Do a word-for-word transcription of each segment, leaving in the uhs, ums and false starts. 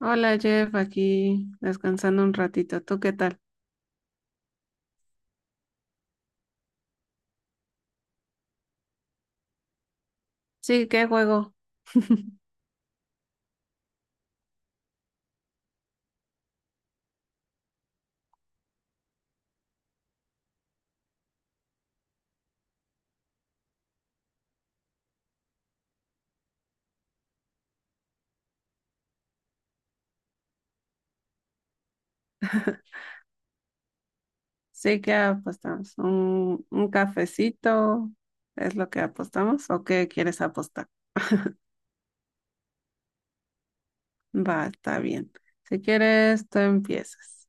Hola Jeff, aquí descansando un ratito. ¿Tú qué tal? Sí, ¿qué juego? Sí, ¿qué apostamos? ¿Un, un cafecito? ¿Es lo que apostamos? ¿O qué quieres apostar? Va, está bien. Si quieres, tú empiezas.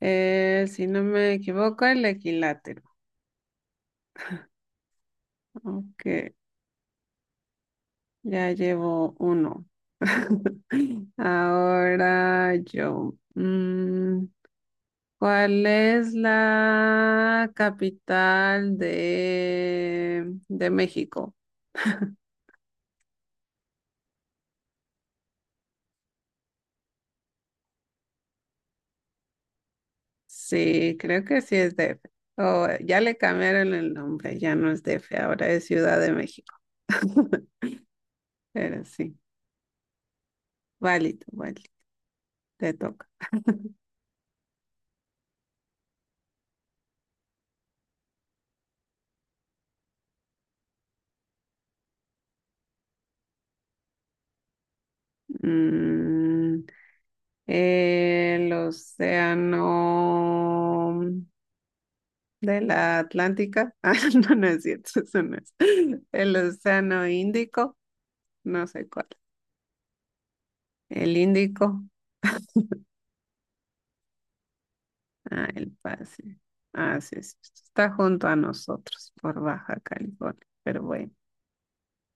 Eh, si no me equivoco, el equilátero. Ok, ya llevo uno. Ahora yo. Mm, ¿Cuál es la capital de, de México? Sí, creo que sí es D F. Oh, ya le cambiaron el nombre, ya no es D F, ahora es Ciudad de México. Pero sí, válido, válido, te toca. Mm, el océano de la Atlántica. Ah, no, no es cierto, eso no es. El océano Índico, no sé cuál. El Índico. Ah, el pase. Ah, sí, sí, sí, está junto a nosotros por Baja California. Pero bueno,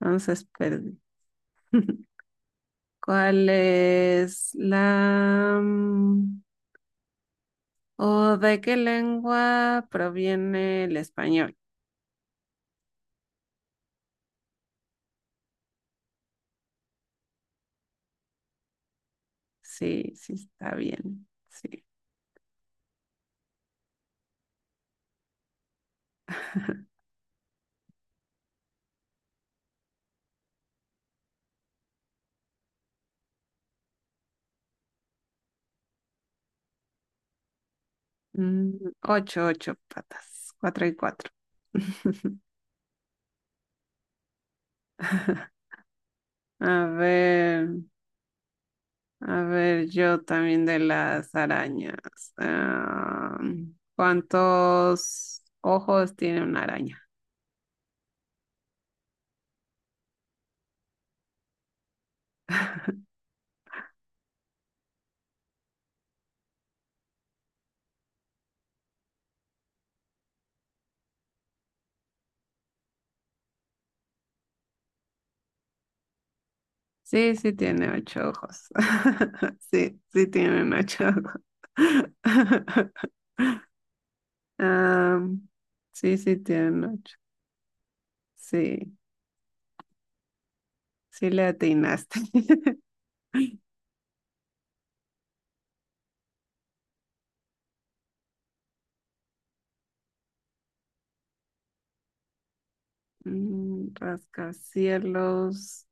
entonces perdí. ¿Cuál es la, mm, o de qué lengua proviene el español? Sí, sí, está bien. Sí. Mm, Ocho, ocho patas. Cuatro y cuatro. A ver. A ver, yo también de las arañas. Ah, ¿cuántos ojos tiene una araña? Sí, sí tiene ocho ojos. Sí, sí tienen ocho ojos. Ah, sí, sí tienen ocho. Sí, sí le atinaste. Mm, Rascacielos,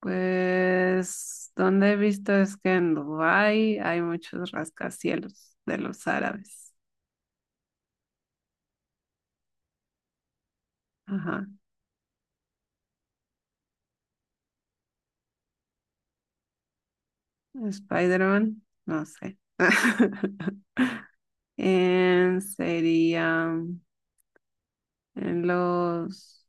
pues, donde he visto es que en Dubái hay muchos rascacielos de los árabes. Ajá. Spider-Man, no sé. En sería en los,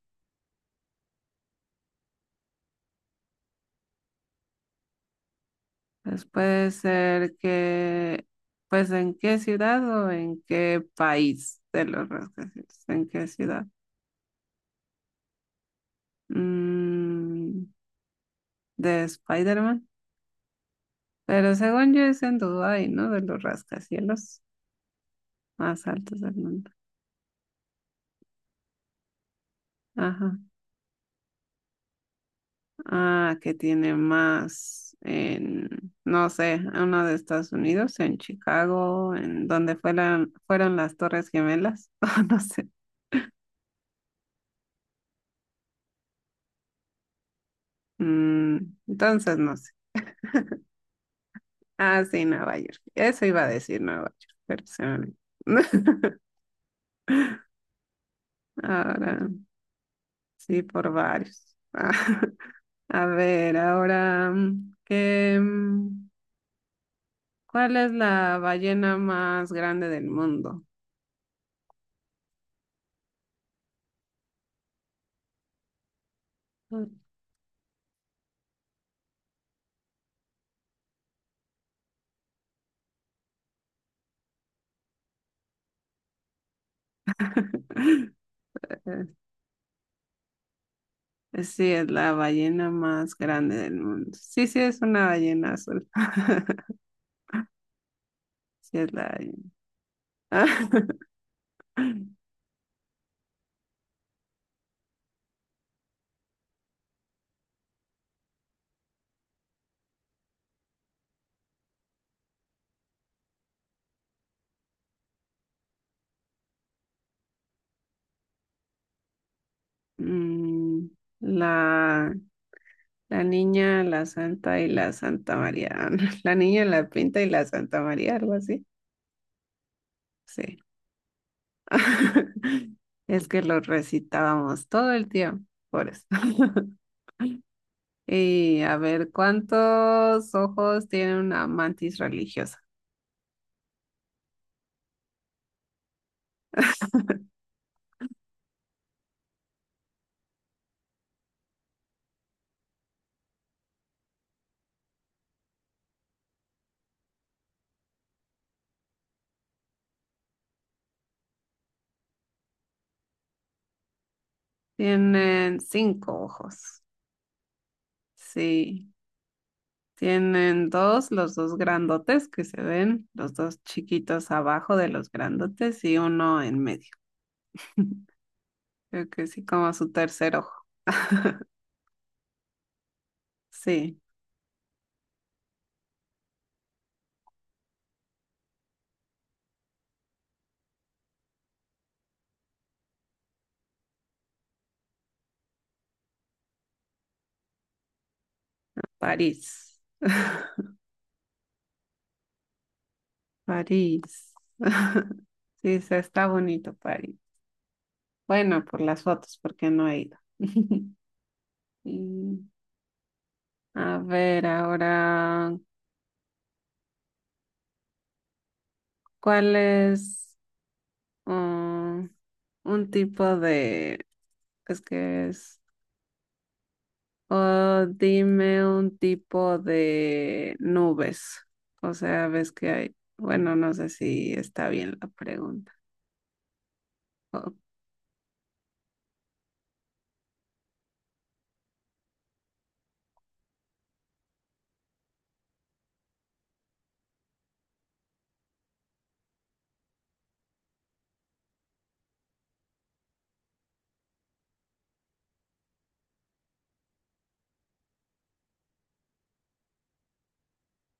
pues puede ser que, pues en qué ciudad o en qué país de los rascacielos, en qué ciudad. Mm, de Spider-Man. Pero según yo es en Dubái, ¿no? De los rascacielos más altos del mundo. Ajá. Ah, que tiene más en, no sé, uno de Estados Unidos, en Chicago, en donde fueron, fueron las Torres Gemelas, o no sé. Mm, entonces, no sé. Ah, sí, Nueva York. Eso iba a decir Nueva York, pero se me olvidó. Ahora, sí, por varios. Ah, A ver, ahora, mm, ¿qué, mm, ¿cuál es la ballena más grande del mundo? Eh, Pues sí, es la ballena más grande del mundo. Sí, sí, es una ballena azul. Sí, es la ballena. Mm, la, la, niña, la santa y la Santa María. Ah, no, la niña, la pinta y la Santa María, algo así. Sí. Es que lo recitábamos todo el tiempo, por eso. Y a ver, ¿cuántos ojos tiene una mantis religiosa? Tienen cinco ojos. Sí. Tienen dos, los dos grandotes que se ven, los dos chiquitos abajo de los grandotes y uno en medio. Creo que sí, como su tercer ojo. Sí, París. París. Sí, se está bonito París. Bueno, por las fotos, porque no he ido. Y, a ver, ahora, ¿cuál es um, un tipo de. Es que es O dime un tipo de nubes. O sea, ves que hay. Bueno, no sé si está bien la pregunta. O-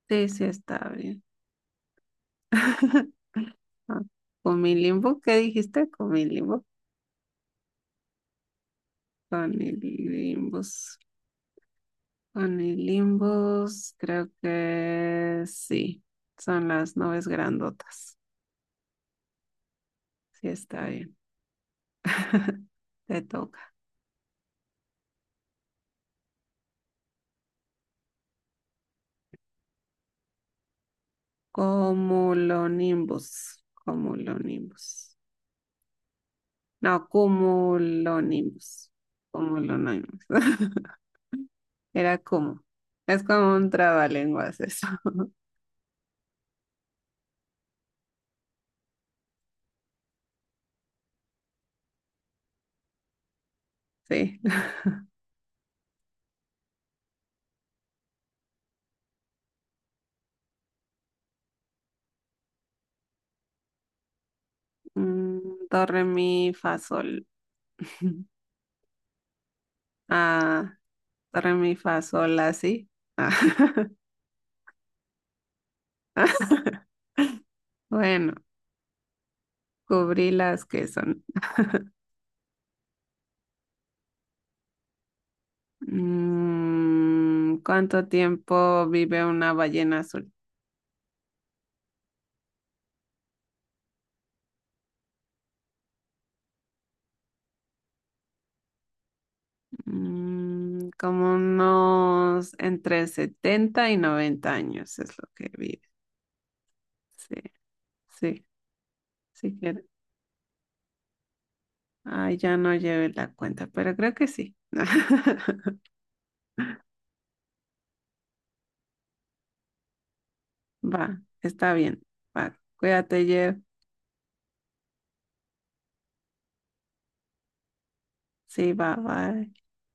sí, sí está bien. Ah, Comilimbus, ¿qué dijiste? Comilimbus. Comilimbus. Comilimbus, creo que sí. Son las nubes grandotas. Sí está bien. Te toca. Cumulonimbus. Cumulonimbus. No, cumulonimbus. Cumulonimbus. Era como. Es como un trabalenguas eso. Sí. Mm, Do, re, mi, fa, sol. Ah, do, re, mi, fa, sol, así. Ah. Bueno, cubrí las que son. Mm, ¿cuánto tiempo vive una ballena azul? Mm, como unos entre setenta y noventa años es lo que vive. Sí. Sí, sí quiero. Ay, ya no llevé la cuenta, pero creo que sí. Va, está bien. Va, cuídate, Jeff. Sí, va, va.